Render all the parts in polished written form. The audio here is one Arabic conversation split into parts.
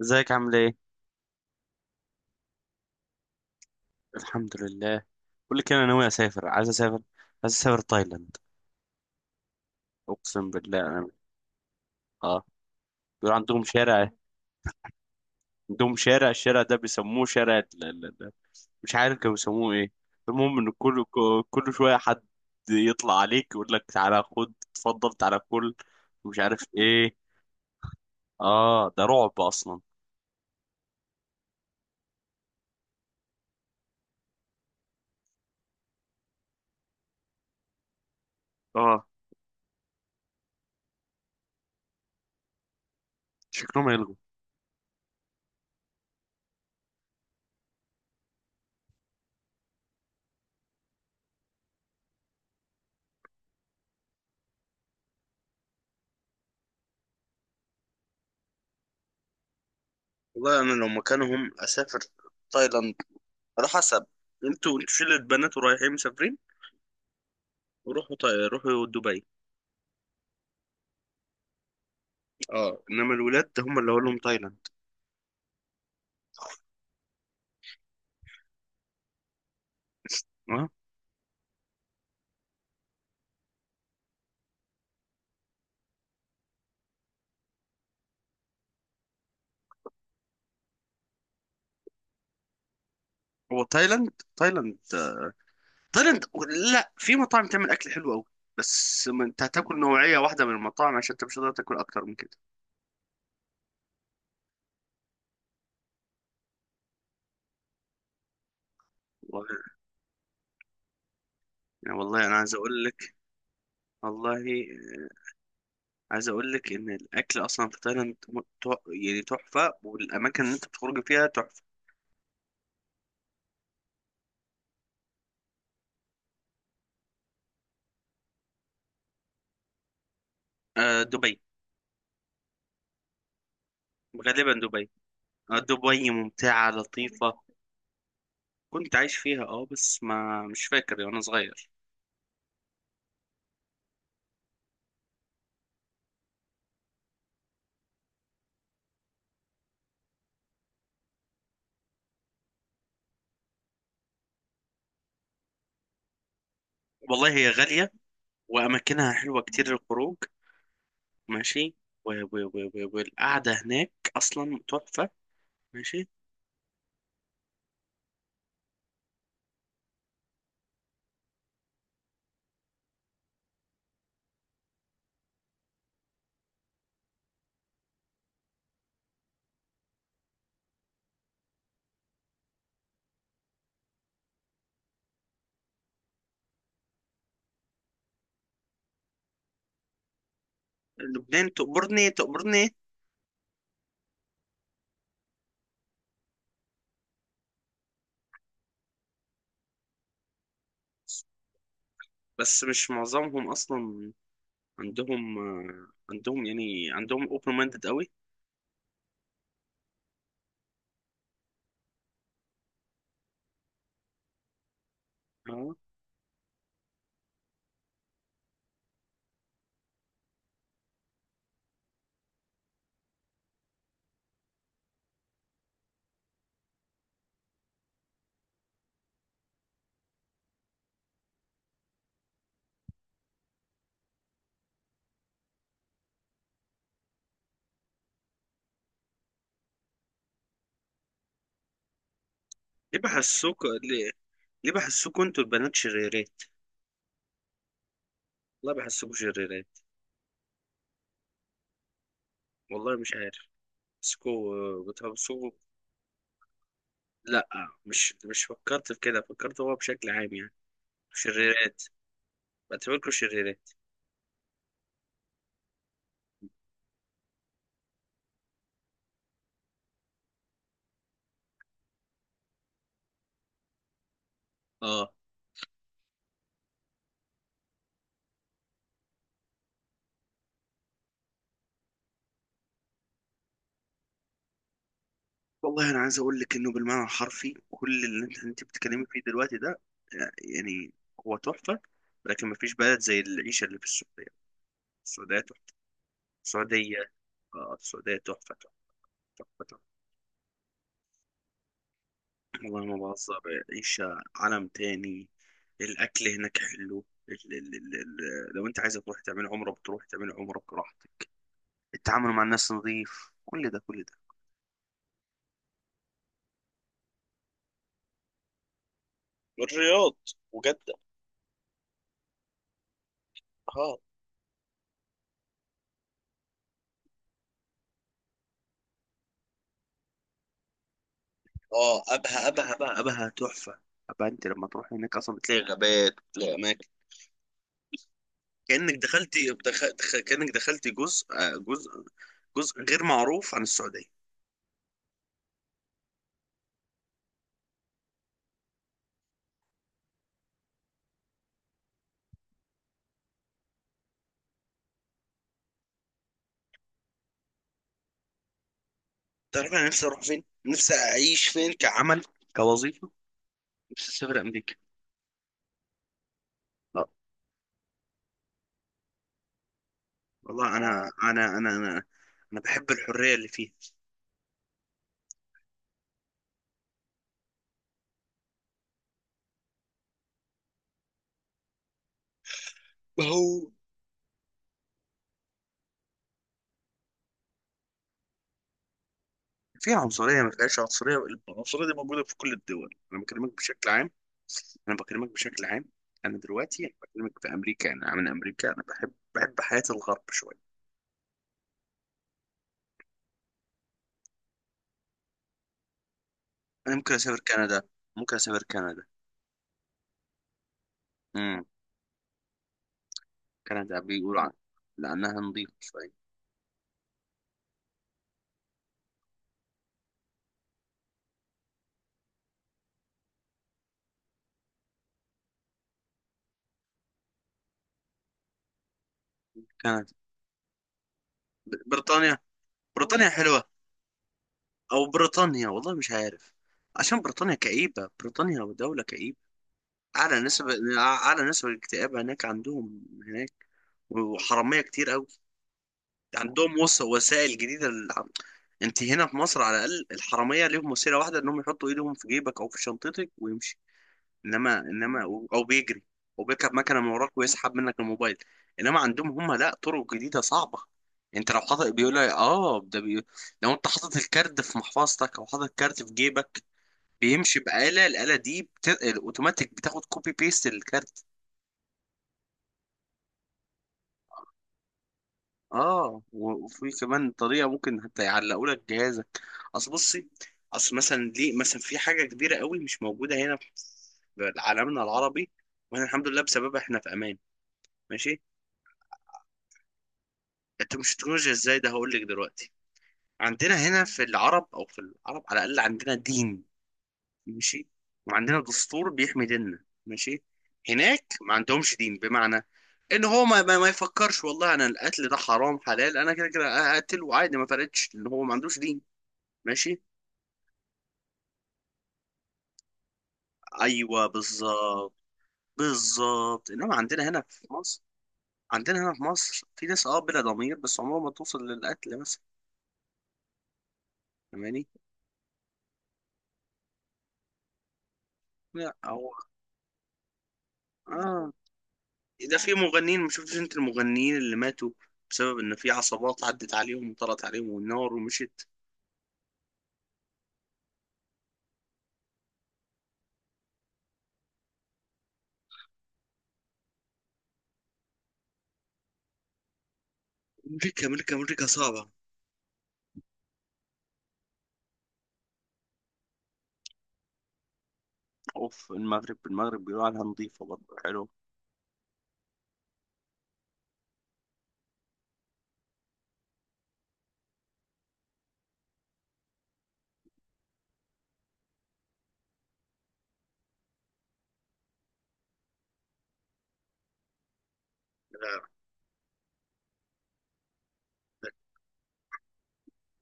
ازيك عامل ايه؟ الحمد لله. بقول لك انا ناوي اسافر، عايز اسافر تايلاند. اقسم بالله انا. اه، بيقول عندهم شارع. عندهم شارع، الشارع ده بيسموه شارع مش عارف كانوا بيسموه ايه. المهم ان كل كل شويه حد يطلع عليك يقول لك تعالى خد اتفضل تعالى كل مش عارف ايه. اه ده رعب اصلا. اه، شكلهم هيلغوا. والله انا لو مكانهم اسافر تايلاند، على حسب. انتوا شلة بنات ورايحين مسافرين، روحوا روحوا دبي. اه، انما الولاد هم اللي اقول لهم تايلاند. اه، هو تايلاند تايلاند تايلاند. لا، في مطاعم تعمل اكل حلو قوي، بس ما انت هتاكل نوعيه واحده من المطاعم عشان انت مش هتقدر تاكل اكتر من كده. والله. يعني والله انا عايز اقول لك. والله عايز اقول لك ان الاكل اصلا في تايلاند يعني تحفه، والاماكن اللي انت بتخرج فيها تحفه. آه دبي، غالبا دبي. آه دبي ممتعه لطيفه. كنت عايش فيها اه، بس ما مش فاكر يعني، وانا صغير. والله هي غالية، وأماكنها حلوة كتير للخروج. ماشي. والقعدة هناك أصلا تحفة. ماشي. لبنان تأمرني تأمرني. بس مش معظمهم أصلا عندهم آه، عندهم يعني عندهم اوبن مايندد قوي. اه. ليه بحسوك ليه, ليه بحسوكوا انتوا البنات شريرات؟ والله بحسوكوا شريرات. والله مش عارف. بتحسوكوا. لا، مش فكرت في كده، فكرت هو بشكل عام يعني، شريرات، بعتبركوا شريرات. اه. والله انا عايز اقول لك انه بالمعنى الحرفي كل اللي انت بتتكلمي فيه دلوقتي ده يعني هو تحفه، لكن ما فيش بلد زي العيشه اللي في السعوديه. السعوديه تحفه. السعوديه. آه، السعوديه تحفه تحفه تحفه تحفة. والله ما بهزر. عيشه عالم تاني. الاكل هناك حلو. لو انت عايز تروح تعمل عمره بتروح تعمل عمره براحتك. التعامل مع الناس نظيف، كل ده كل ده. الرياض وجدة. اه اه. ابها بقى ابها تحفه. ابها انت لما تروح هناك اصلا بتلاقي غابات، بتلاقي اماكن كانك دخلت. كانك دخلت جزء آه، جزء جزء غير معروف عن السعوديه. تعرف انا نفسي اروح فين، نفسي اعيش فين كعمل، كوظيفه. نفسي اسافر امريكا. لا والله أنا بحب الحريه اللي فيها. هو. فيها عنصرية، ما فيهاش عنصرية. العنصرية دي موجودة في كل الدول، أنا بكلمك بشكل عام. أنا بكلمك بشكل عام. أنا دلوقتي بكلمك في أمريكا، أنا من أمريكا، أنا بحب حياة الغرب شوية. أنا ممكن أسافر كندا. ممكن أسافر كندا. امم كندا بيقولوا عن، لأنها نظيفة شوية. كندا بريطانيا. بريطانيا حلوة. أو بريطانيا، والله مش عارف. عشان بريطانيا كئيبة، بريطانيا دولة كئيبة. أعلى نسبة الاكتئاب هناك، عندهم هناك. وحرامية كتير أوي. عندهم وسائل جديده انت هنا في مصر على الاقل الحراميه ليهم وسيله واحده، انهم يحطوا ايدهم في جيبك او في شنطتك ويمشي. انما. او بيجري، او بيركب مكنه من وراك ويسحب منك الموبايل. انما عندهم هم لا، طرق جديده صعبه. انت لو حاطط، بيقول لك اه ده لو انت حاطط الكارد في محفظتك، او حاطط الكارد في جيبك، بيمشي بآلة. الآلة دي الاوتوماتيك بتاخد كوبي بيست للكارد. اه، وفي كمان طريقه ممكن حتى يعلقوا لك جهازك. اصل بصي، اصل مثلا ليه مثلا في حاجه كبيره قوي مش موجوده هنا في عالمنا العربي، واحنا الحمد لله بسببها احنا في امان. ماشي. انت مش تكنولوجيا، ازاي ده هقول لك دلوقتي. عندنا هنا في العرب، او في العرب على الاقل عندنا دين. ماشي. وعندنا دستور بيحمي ديننا. ماشي. هناك ما عندهمش دين، بمعنى ان هو ما يفكرش والله انا القتل ده حرام حلال، انا كده كده هقتل وعادي، ما فرقتش ان هو ما عندوش دين. ماشي. ايوه بالظبط. بالظبط انما عندنا هنا في مصر في ناس بلا ضمير، بس عمرهم ما توصل للقتل مثلا، فاهماني. لا، او. اه، ده في مغنيين ما شفتش انت المغنيين اللي ماتوا بسبب ان في عصابات عدت عليهم وطلعت عليهم والنار ومشت. امريكا امريكا امريكا صعبه. اوف المغرب. المغرب بيقولوا عليها نظيفه برضه، حلو. لا.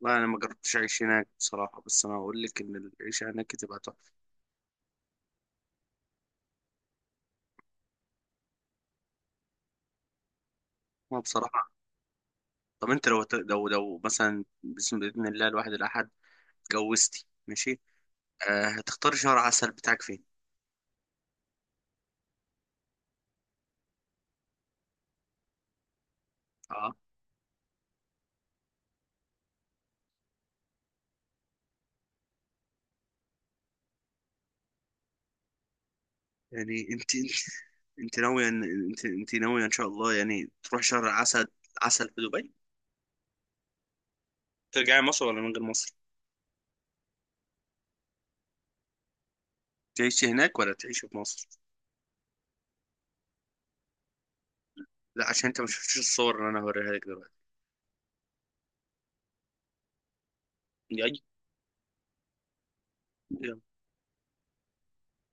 لا، انا ما جربتش اعيش هناك بصراحه، بس انا هقول لك ان العيشه هناك تبقى تحفه. أنا بصراحه. طب انت لو مثلا، بسم باذن الله الواحد الاحد اتجوزتي ماشي، آه هتختاري شهر عسل بتاعك فين؟ اه. يعني انت انت، انت ناويه ان انت ناويه ان شاء الله يعني تروح شهر عسل، عسل في دبي. ترجعي مصر ولا من غير مصر؟ تعيشي هناك ولا تعيشي في مصر؟ لا، عشان انت ما شفتش الصور اللي انا هوريها لك دلوقتي. اي.